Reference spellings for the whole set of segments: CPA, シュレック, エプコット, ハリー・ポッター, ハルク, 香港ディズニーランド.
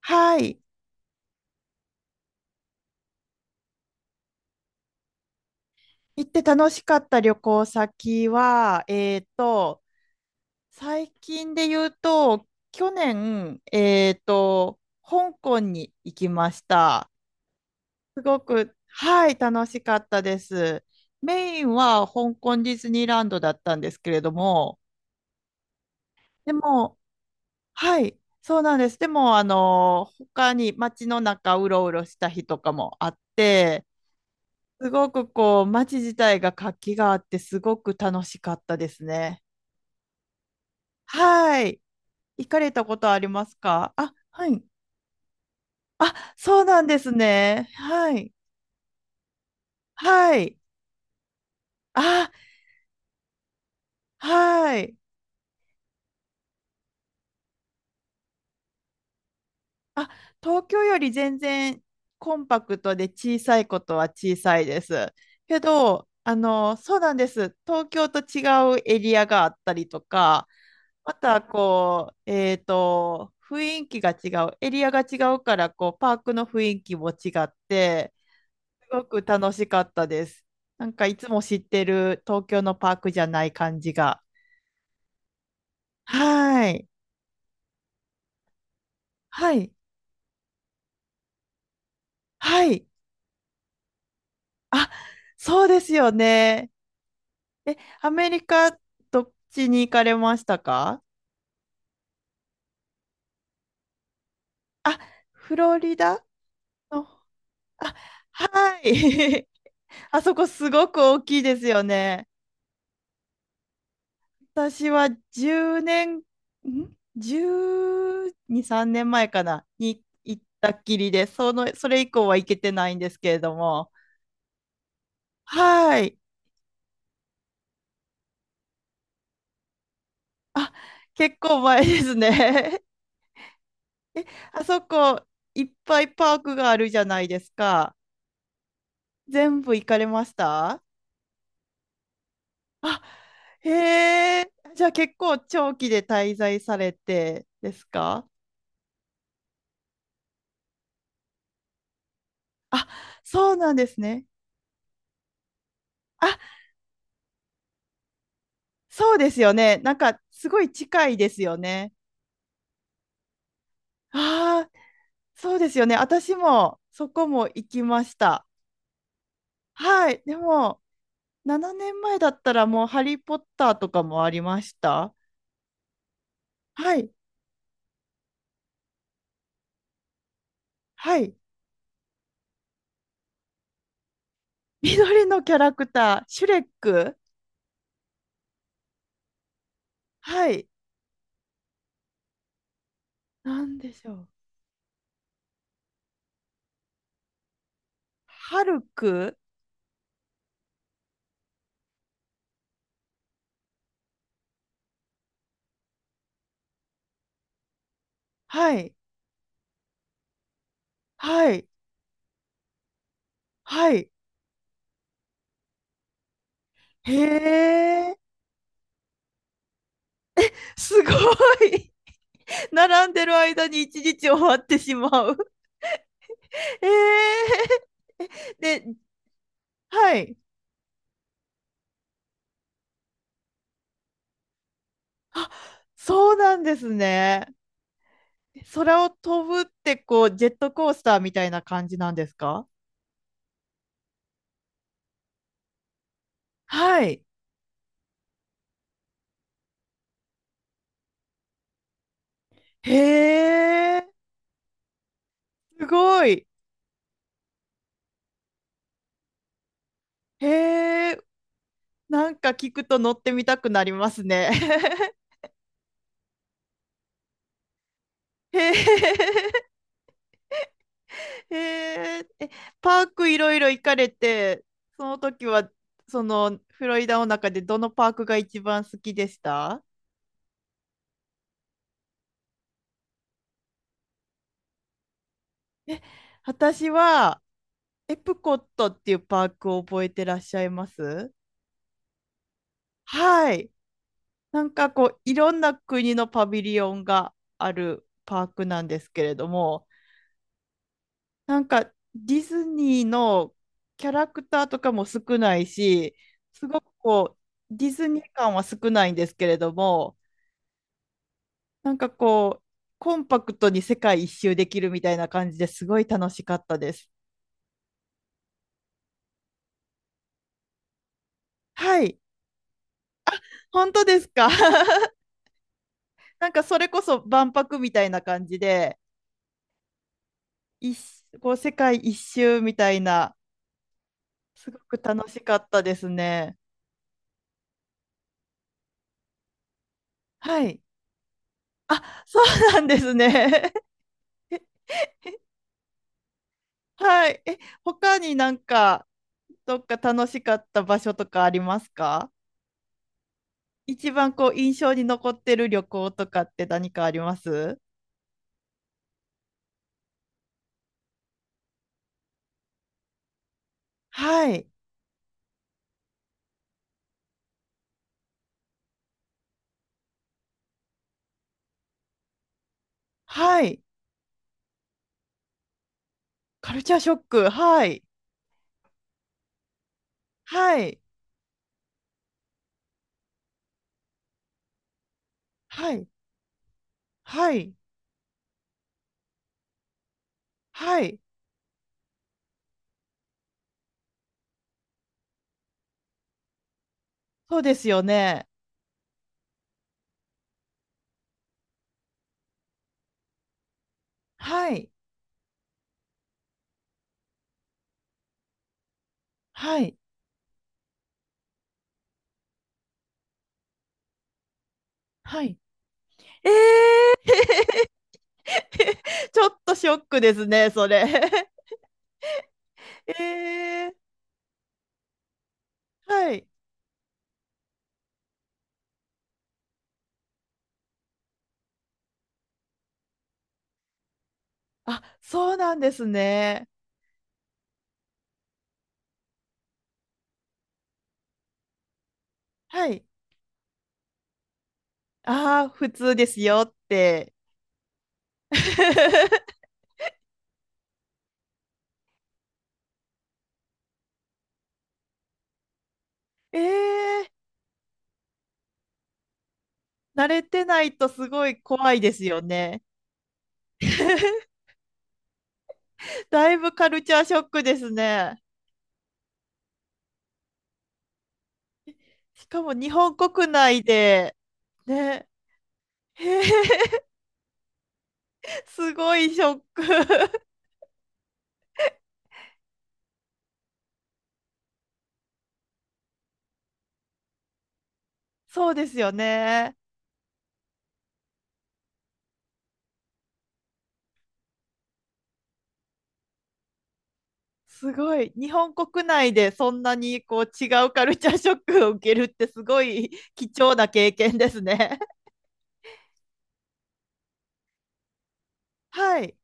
はい。行って楽しかった旅行先は、最近で言うと、去年、香港に行きました。すごく、はい、楽しかったです。メインは香港ディズニーランドだったんですけれども、でも、はい、そうなんです。でも、他に街の中うろうろした日とかもあって、すごくこう、街自体が活気があって、すごく楽しかったですね。はい。行かれたことありますかあ、はい。あ、そうなんですね。はい。はい。あ、はい。あ、東京より全然コンパクトで小さいことは小さいです。けど、そうなんです。東京と違うエリアがあったりとか、またこう、雰囲気が違う、エリアが違うから、こう、パークの雰囲気も違って、すごく楽しかったです。なんかいつも知ってる東京のパークじゃない感じが。はい。はい。はい。あ、そうですよね。え、アメリカ、どっちに行かれましたか？あ、フロリダの、あ、はい。あそこすごく大きいですよね。私は10年、ん？ 12、3年前かなに行ったっきりで、その、それ以降は行けてないんですけれども。はい。あ、結構前ですね。あそこ、いっぱいパークがあるじゃないですか。全部行かれました？あ、へえ。じゃあ結構長期で滞在されてですか？あ、そうなんですね。あ、そうですよね。なんかすごい近いですよね。ああ、そうですよね。私もそこも行きました。はい。でも、7年前だったらもうハリー・ポッターとかもありました。はい。はい。緑のキャラクター、シュレック。はい。なんでしょう。ハルク。はい。はい。はい。へえ、すごい。並んでる間に一日終わってしまう。ええ。で、はい。あ、そうなんですね。空を飛ぶってこうジェットコースターみたいな感じなんですか？はい。へえ、すごい。へえ、なんか聞くと乗ってみたくなりますね。へえ、へえ、え、パークいろいろ行かれて、その時はそのフロリダの中でどのパークが一番好きでした？私はエプコットっていうパークを覚えてらっしゃいます？はい。なんかこういろんな国のパビリオンがあるパークなんですけれども、なんかディズニーのキャラクターとかも少ないし、すごくこうディズニー感は少ないんですけれども、なんかこうコンパクトに世界一周できるみたいな感じですごい楽しかったです。はい、本当ですか？ なんかそれこそ万博みたいな感じで、一、こう世界一周みたいな、すごく楽しかったですね。はい。あ、そうなんですね。はい。え、他になんか、どっか楽しかった場所とかありますか？一番こう、印象に残ってる旅行とかって何かあります？はい。はい。カルチャーショック。はい。はい。はい。はい。はい。そうですよね。はい。はい。はい。えー、ちょっとショックですね、それ。えー、はい。あ、そうなんですね。はい。ああ、普通ですよって。ええ、慣れてないとすごい怖いですよね。だいぶカルチャーショックですね。しかも日本国内で、ね、へえ、すごいショック。そうですよね。すごい。日本国内でそんなにこう違うカルチャーショックを受けるってすごい貴重な経験ですね。はい。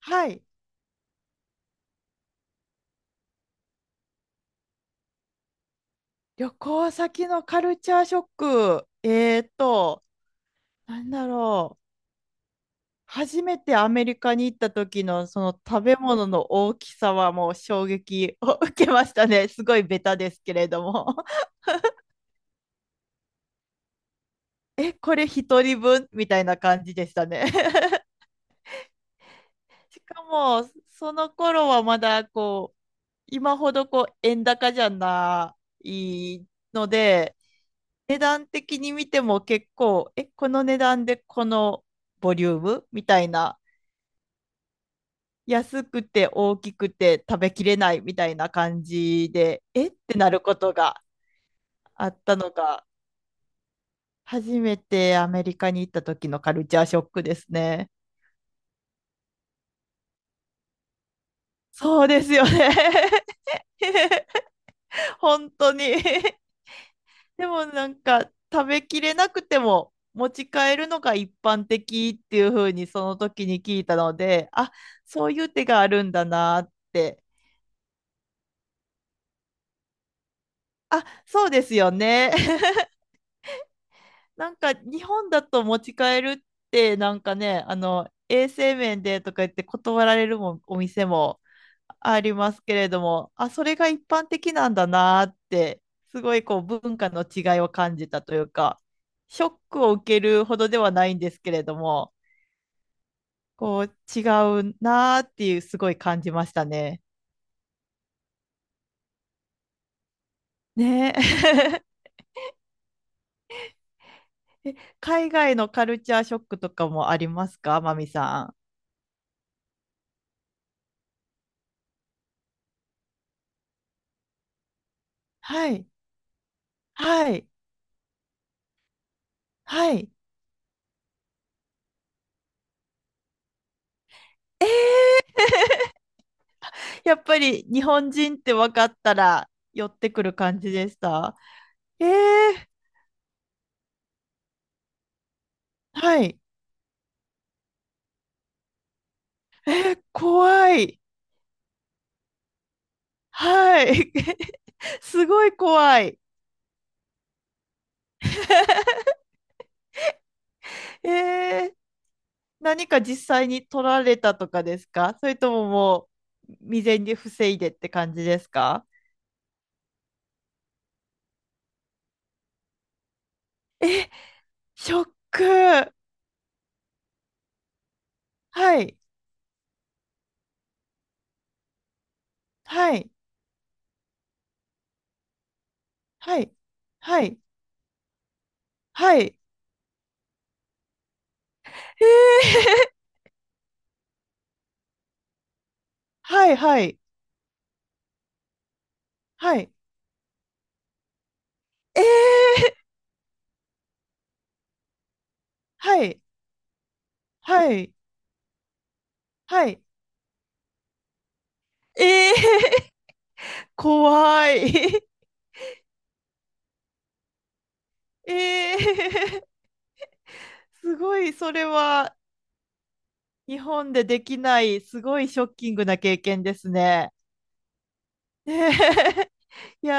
はい。旅行先のカルチャーショック。なんだろう。初めてアメリカに行った時のその食べ物の大きさはもう衝撃を受けましたね。すごいベタですけれども。え、これ一人分みたいな感じでしたね。しかも、その頃はまだこう、今ほどこう円高じゃないので、値段的に見ても結構、え、この値段でこのボリュームみたいな、安くて大きくて食べきれないみたいな感じで、えってなることがあったのが、初めてアメリカに行った時のカルチャーショックですね。そうですよね。本当に。でもなんか食べきれなくても持ち帰るのが一般的っていう風にその時に聞いたので、あ、そういう手があるんだなって。あ、そうですよね。なんか日本だと持ち帰るってなんかね、あの衛生面でとか言って断られるもお店もありますけれども、あ、それが一般的なんだなーって、すごいこう文化の違いを感じたというか、ショックを受けるほどではないんですけれども、こう違うなーっていうすごい感じましたね。ねえ。え、海外のカルチャーショックとかもありますか、マミさん。はい。はい。はい。やっぱり日本人って分かったら寄ってくる感じでした？えー、はい。え、怖い。はい。すごい怖い。えー、何か実際に取られたとかですか、それとももう未然に防いでって感じですか？ショック。はい。はい。はい。はい。はい。えー、はい。はい。はい。えー、はい。はい。はい。えー怖い。えー、すごい、それは日本でできない、すごいショッキングな経験ですね。ねえ い